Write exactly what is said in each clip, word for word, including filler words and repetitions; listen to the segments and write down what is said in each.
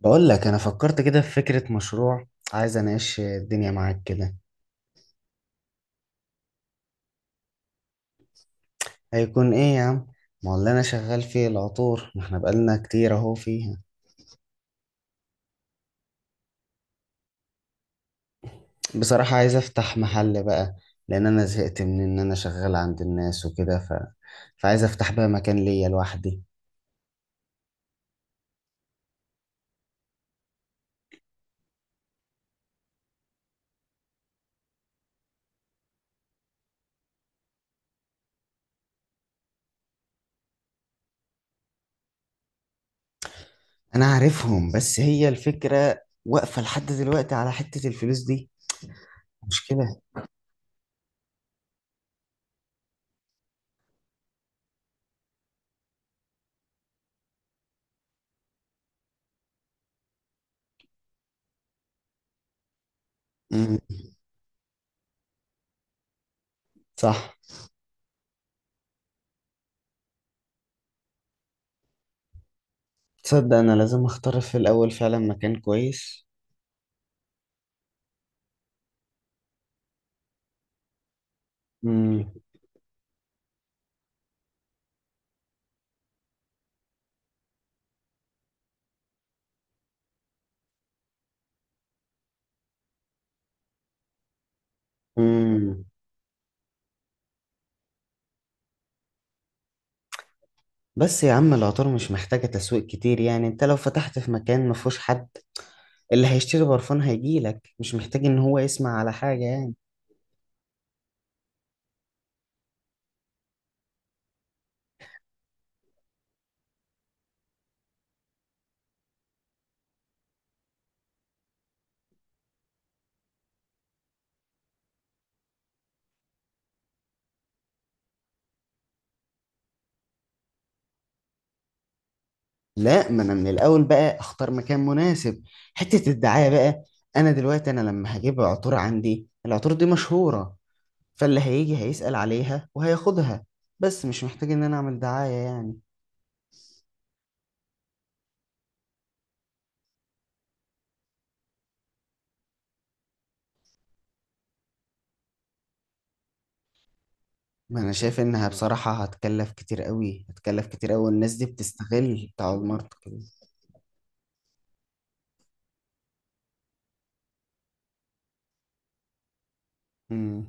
بقول لك انا فكرت كده في فكرة مشروع. عايز اناقش الدنيا معاك كده. هيكون ايه يا عم؟ ما هو اللي انا شغال فيه العطور، ما احنا بقالنا كتير اهو فيها. بصراحة عايز افتح محل بقى، لان انا زهقت من ان انا شغال عند الناس وكده ف... فعايز افتح بقى مكان ليا لوحدي. انا عارفهم، بس هي الفكرة واقفة لحد دلوقتي على حتة الفلوس دي. مشكلة. امم صح. تصدق انا لازم اختار في الاول فعلا مكان كويس. امم بس يا عم العطار مش محتاجة تسويق كتير، يعني انت لو فتحت في مكان مفهوش حد اللي هيشتري برفان هيجيلك، مش محتاج ان هو يسمع على حاجة يعني. لا، ما انا من الاول بقى اختار مكان مناسب. حتة الدعاية بقى، انا دلوقتي انا لما هجيب عطور عندي، العطور دي مشهورة، فاللي هيجي هيسأل عليها وهياخدها. بس مش محتاج ان انا اعمل دعاية يعني. ما انا شايف انها بصراحة هتكلف كتير قوي، هتكلف كتير قوي، الناس دي بتستغل بتاع الماركتينج. مم.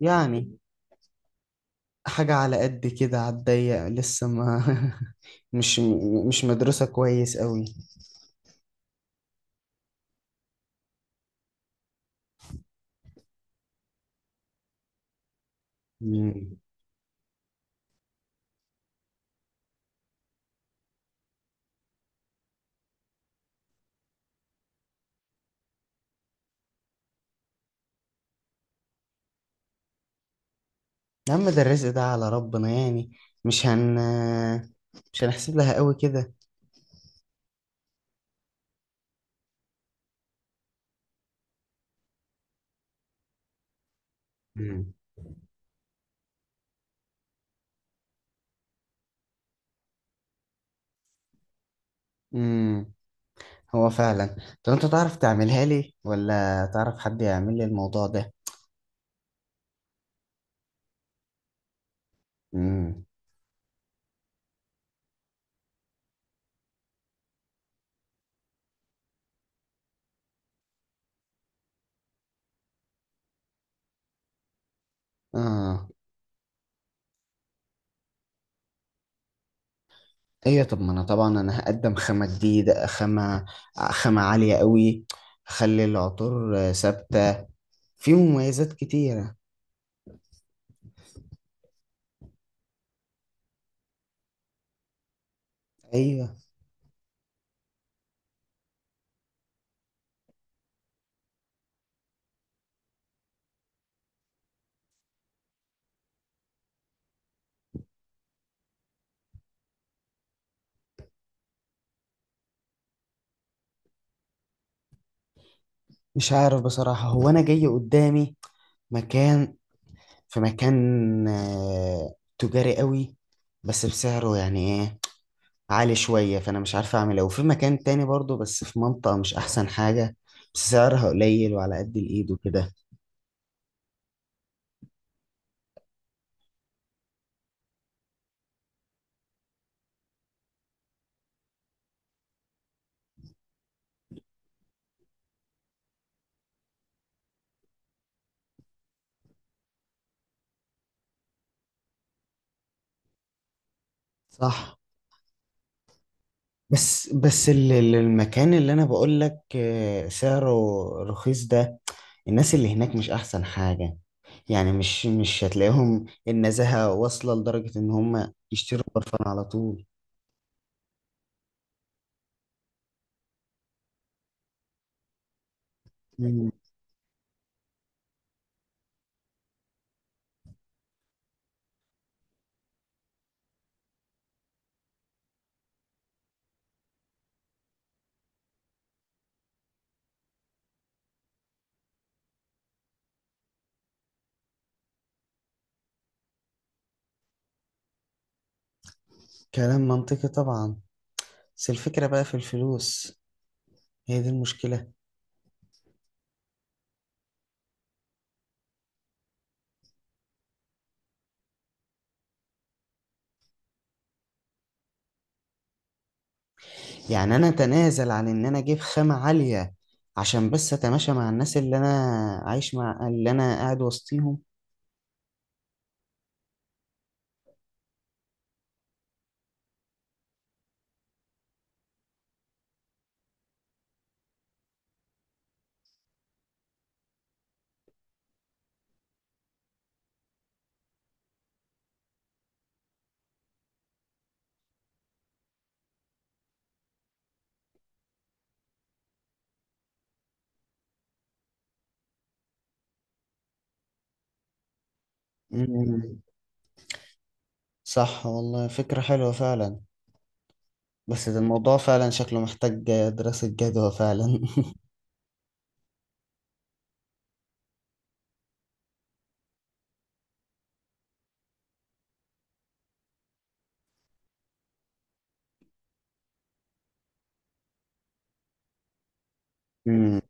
يعني حاجة على قد كده، على الضيق لسه ما مش مش مدرسة كويس قوي. مم. يا عم ده الرزق ده على ربنا يعني، مش هن مش هنحسب لها قوي كده. مم. امم هو فعلا. طب انت تعرف تعملها لي، ولا تعرف حد يعمل لي الموضوع ده؟ مم. اه. ايوه، طب ما انا طبعا انا هقدم خامة جديدة، خامة خامة عالية قوي، اخلي العطور ثابتة، في مميزات كتيرة. ايوه. مش عارف بصراحة، هو أنا جاي قدامي مكان، في مكان آه، تجاري قوي، بس بسعره يعني إيه، عالي شوية، فأنا مش عارف أعمل إيه. وفي مكان تاني برضو بس في منطقة مش أحسن حاجة، بس سعرها قليل وعلى قد الإيد وكده. صح. بس بس ال- ال- المكان اللي أنا بقول لك آه، سعره رخيص ده، الناس اللي هناك مش أحسن حاجة. يعني مش مش هتلاقيهم النزاهة واصلة لدرجة إن هم يشتروا برفان على طول. كلام منطقي طبعا، بس الفكرة بقى في الفلوس، هي دي المشكلة. يعني أنا أتنازل عن إن أنا أجيب خامة عالية عشان بس أتماشى مع الناس اللي أنا عايش مع اللي أنا قاعد وسطيهم؟ مم. صح والله، فكرة حلوة فعلا. بس ده الموضوع فعلا شكله محتاج دراسة جدوى فعلا. مم.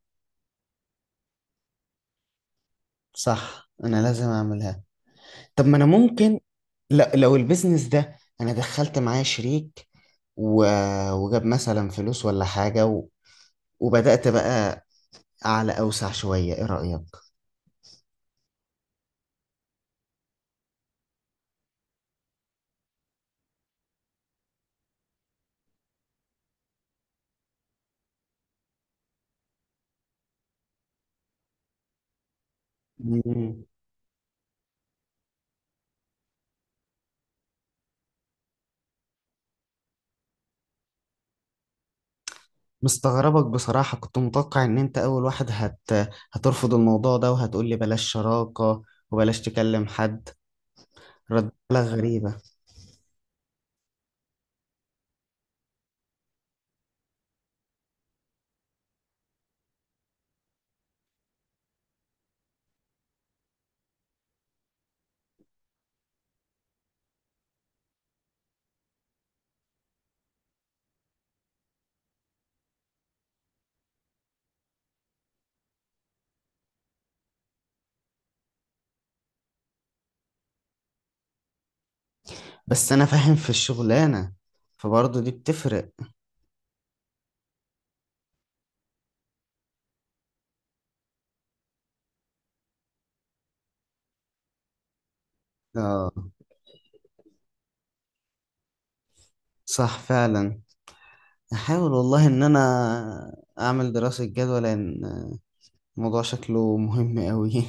صح، أنا لازم أعملها. طب ما أنا ممكن، لا، لو البيزنس ده أنا دخلت معايا شريك و... وجاب مثلا فلوس ولا حاجة، وبدأت بقى أعلى أوسع شوية، إيه رأيك؟ مم. مستغربك بصراحة، كنت متوقع إن أنت أول واحد هت... هترفض الموضوع ده وهتقولي بلاش شراكة وبلاش تكلم حد. رد لك غريبة. بس أنا فاهم في الشغلانة، فبرضه دي بتفرق. آه، صح فعلا. أحاول والله إن أنا أعمل دراسة جدوى، لأن الموضوع شكله مهم أوي.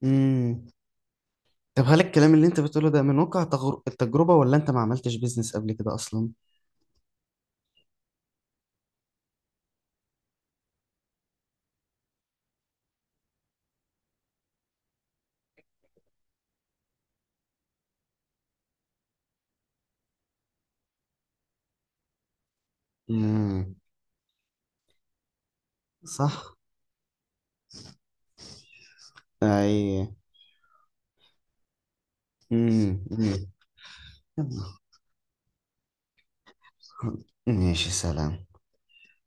مم. طب هل الكلام اللي انت بتقوله ده من واقع تجر- التجربة، ولا انت ما عملتش بيزنس قبل كده اصلا؟ امم صح. اي. امم. أمم. ماشي، سلام.